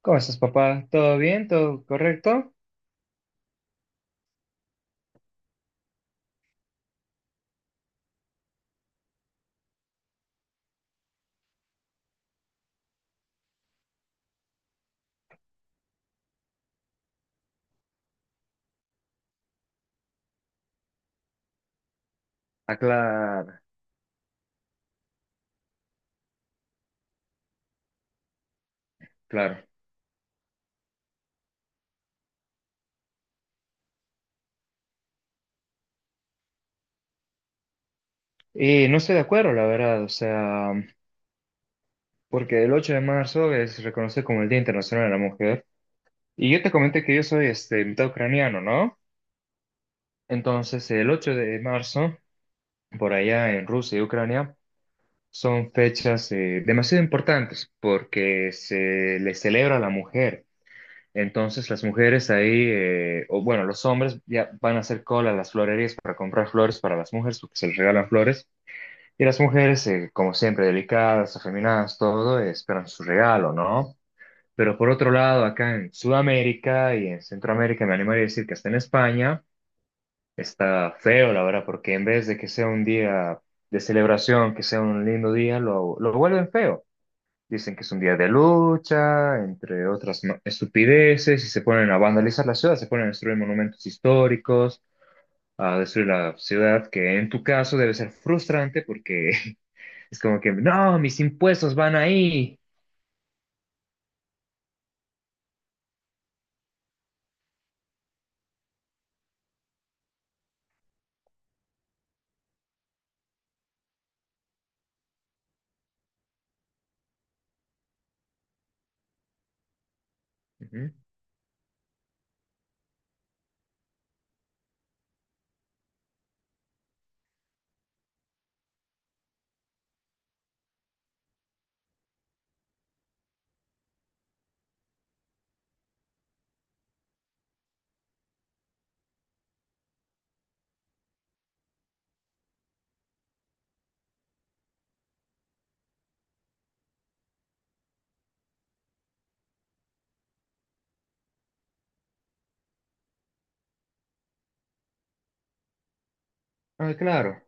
¿Cómo estás, papá? ¿Todo bien? ¿Todo correcto? Ah, claro, claro. Y no estoy de acuerdo, la verdad, o sea, porque el 8 de marzo es reconocido como el Día Internacional de la Mujer. Y yo te comenté que yo soy este, mitad ucraniano, ¿no? Entonces, el 8 de marzo, por allá en Rusia y Ucrania, son fechas demasiado importantes porque se le celebra a la mujer. Entonces las mujeres ahí, o bueno, los hombres ya van a hacer cola a las florerías para comprar flores para las mujeres, porque se les regalan flores. Y las mujeres, como siempre, delicadas, afeminadas, todo, esperan su regalo, ¿no? Pero por otro lado, acá en Sudamérica y en Centroamérica, me animaría a decir que hasta en España, está feo, la verdad, porque en vez de que sea un día de celebración, que sea un lindo día, lo vuelven feo. Dicen que es un día de lucha, entre otras estupideces, y se ponen a vandalizar la ciudad, se ponen a destruir monumentos históricos, a destruir la ciudad, que en tu caso debe ser frustrante porque es como que, no, mis impuestos van ahí. Ujú. Ah, claro.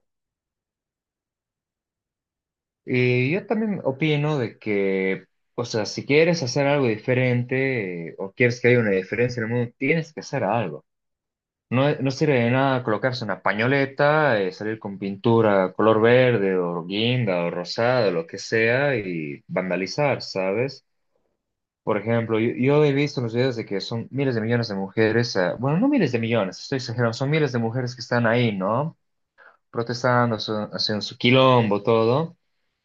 Y yo también opino de que, o sea, si quieres hacer algo diferente o quieres que haya una diferencia en el mundo, tienes que hacer algo. No, no sirve de nada colocarse una pañoleta, salir con pintura color verde o guinda o rosada, lo que sea, y vandalizar, ¿sabes? Por ejemplo, yo he visto en los videos de que son miles de millones de mujeres, bueno, no miles de millones, estoy exagerando, son miles de mujeres que están ahí, ¿no? Protestando, haciendo su quilombo, todo.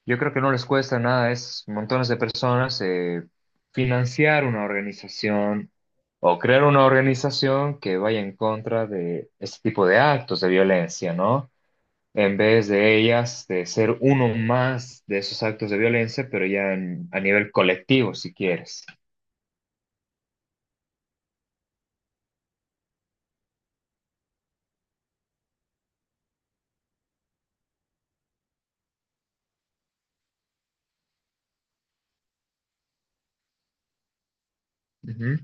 Yo creo que no les cuesta nada, es montones de personas financiar una organización o crear una organización que vaya en contra de este tipo de actos de violencia, ¿no? En vez de ellas, de ser uno más de esos actos de violencia, pero ya a nivel colectivo, si quieres. Ujú.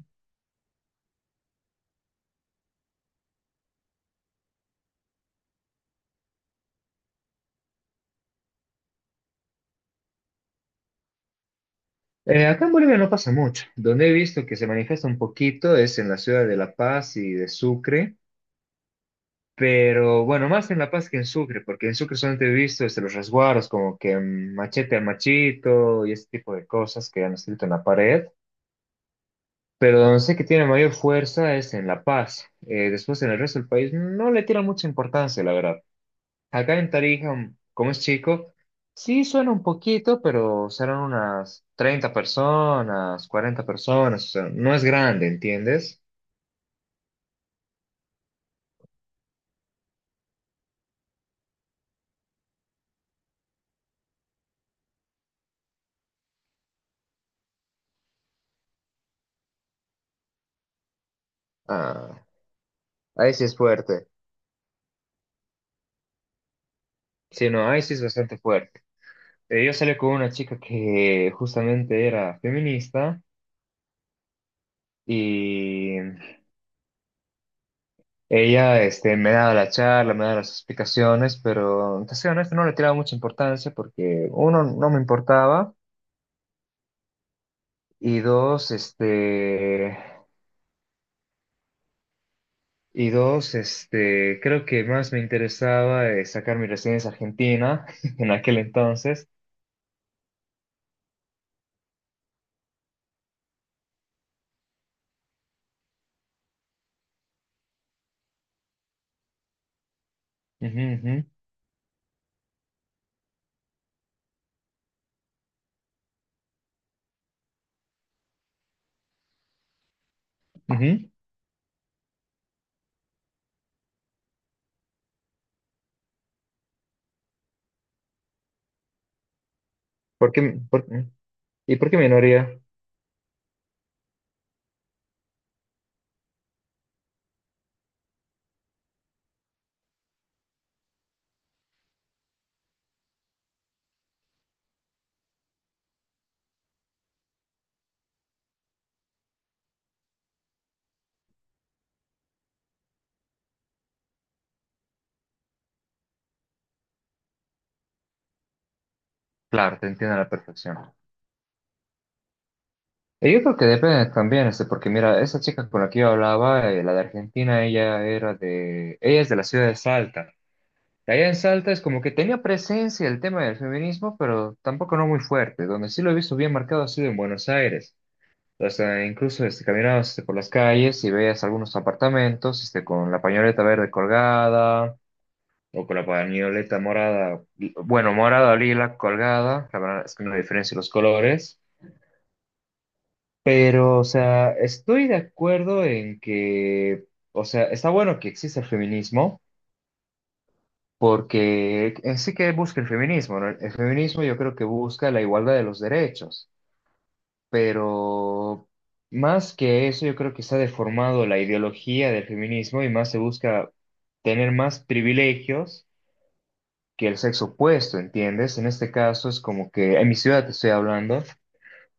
Acá en Bolivia no pasa mucho. Donde he visto que se manifiesta un poquito es en la ciudad de La Paz y de Sucre. Pero bueno, más en La Paz que en Sucre, porque en Sucre solamente he visto este, los resguardos, como que machete al machito y ese tipo de cosas que han escrito en la pared. Pero donde sé que tiene mayor fuerza es en La Paz. Después en el resto del país no le tiran mucha importancia, la verdad. Acá en Tarija, como es chico, sí suena un poquito, pero serán unas 30 personas, 40 personas, o sea, no es grande, ¿entiendes? Ah, ahí sí es fuerte. Sí, no, ahí sí es bastante fuerte. Yo salí con una chica que justamente era feminista y ella este, me daba la charla, me daba las explicaciones, pero te soy honesto, no le tiraba mucha importancia porque uno, no me importaba y dos, este, y dos, este, creo que más me interesaba sacar mi residencia argentina en aquel entonces. Ujú, ujú, ujú. ¿Por qué, por- ¿Y por qué minoría? Claro, te entiendo a la perfección. Y yo creo que depende también, este, porque mira, esa chica con la que yo hablaba, la de Argentina, ella es de la ciudad de Salta. De allá en Salta es como que tenía presencia el tema del feminismo, pero tampoco no muy fuerte. Donde sí lo he visto bien marcado ha sido en Buenos Aires. O sea, incluso este, caminabas este, por las calles y veías algunos apartamentos este, con la pañoleta verde colgada o con la pañoleta morada, bueno, morada o lila colgada, la verdad es que no hay diferencia los colores. Pero, o sea, estoy de acuerdo en que, o sea, está bueno que exista el feminismo, porque en sí que busca el feminismo, ¿no? El feminismo yo creo que busca la igualdad de los derechos, pero más que eso, yo creo que se ha deformado la ideología del feminismo y más se busca tener más privilegios que el sexo opuesto, ¿entiendes? En este caso es como que, en mi ciudad te estoy hablando.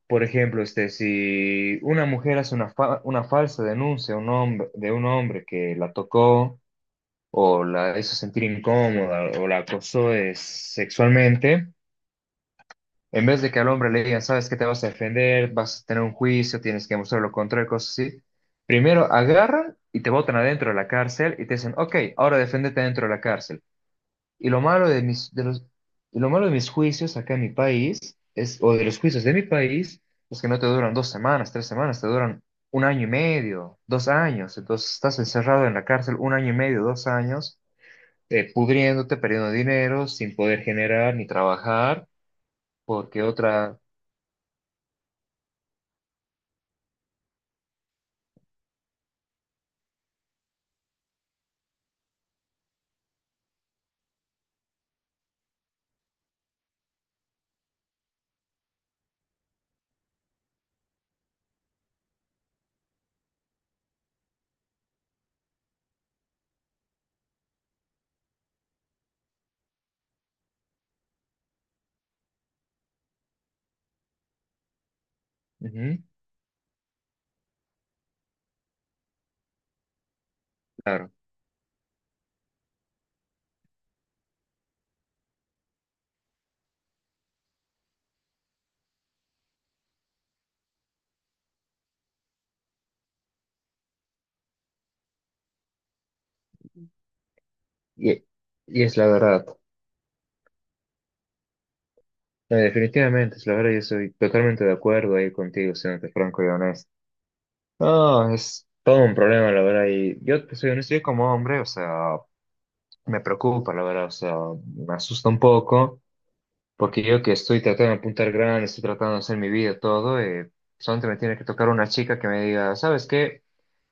Por ejemplo, este, si una mujer hace una falsa denuncia a un hombre, de un hombre que la tocó o la hizo sentir incómoda o la acosó sexualmente, en vez de que al hombre le digan, sabes que te vas a defender, vas a tener un juicio, tienes que mostrar lo contrario, cosas así, primero agarran y te botan adentro de la cárcel y te dicen, ok, ahora defiéndete dentro de la cárcel. Y lo malo de mis, de los, y lo malo de mis juicios acá en mi país, es, o de los juicios de mi país, es que no te duran 2 semanas, 3 semanas, te duran 1 año y medio, 2 años. Entonces estás encerrado en la cárcel 1 año y medio, dos años, pudriéndote, perdiendo dinero, sin poder generar ni trabajar, porque otra... Ujú, claro. Y, y es la verdad. Definitivamente, es la verdad, yo estoy totalmente de acuerdo ahí contigo, siéndote franco y honesto. No, es todo un problema, la verdad. Y yo te soy honesto, yo como hombre, o sea, me preocupa, la verdad, o sea, me asusta un poco, porque yo que estoy tratando de apuntar grande, estoy tratando de hacer mi vida, todo, solamente me tiene que tocar una chica que me diga, ¿sabes qué?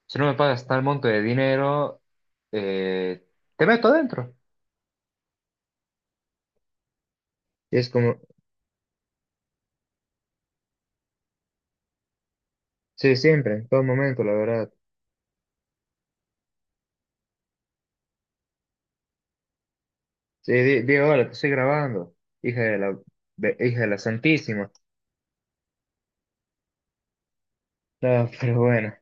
Si no me pagas tal monto de dinero, eh, te meto adentro. Y es como, sí, siempre, en todo momento, la verdad. Sí, di, hola, te estoy grabando, hija de la, hija de la Santísima. No, pero bueno.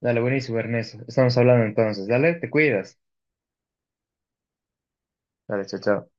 Dale, buenísimo, Ernesto. Estamos hablando entonces. Dale, te cuidas. Dale, chao, chao.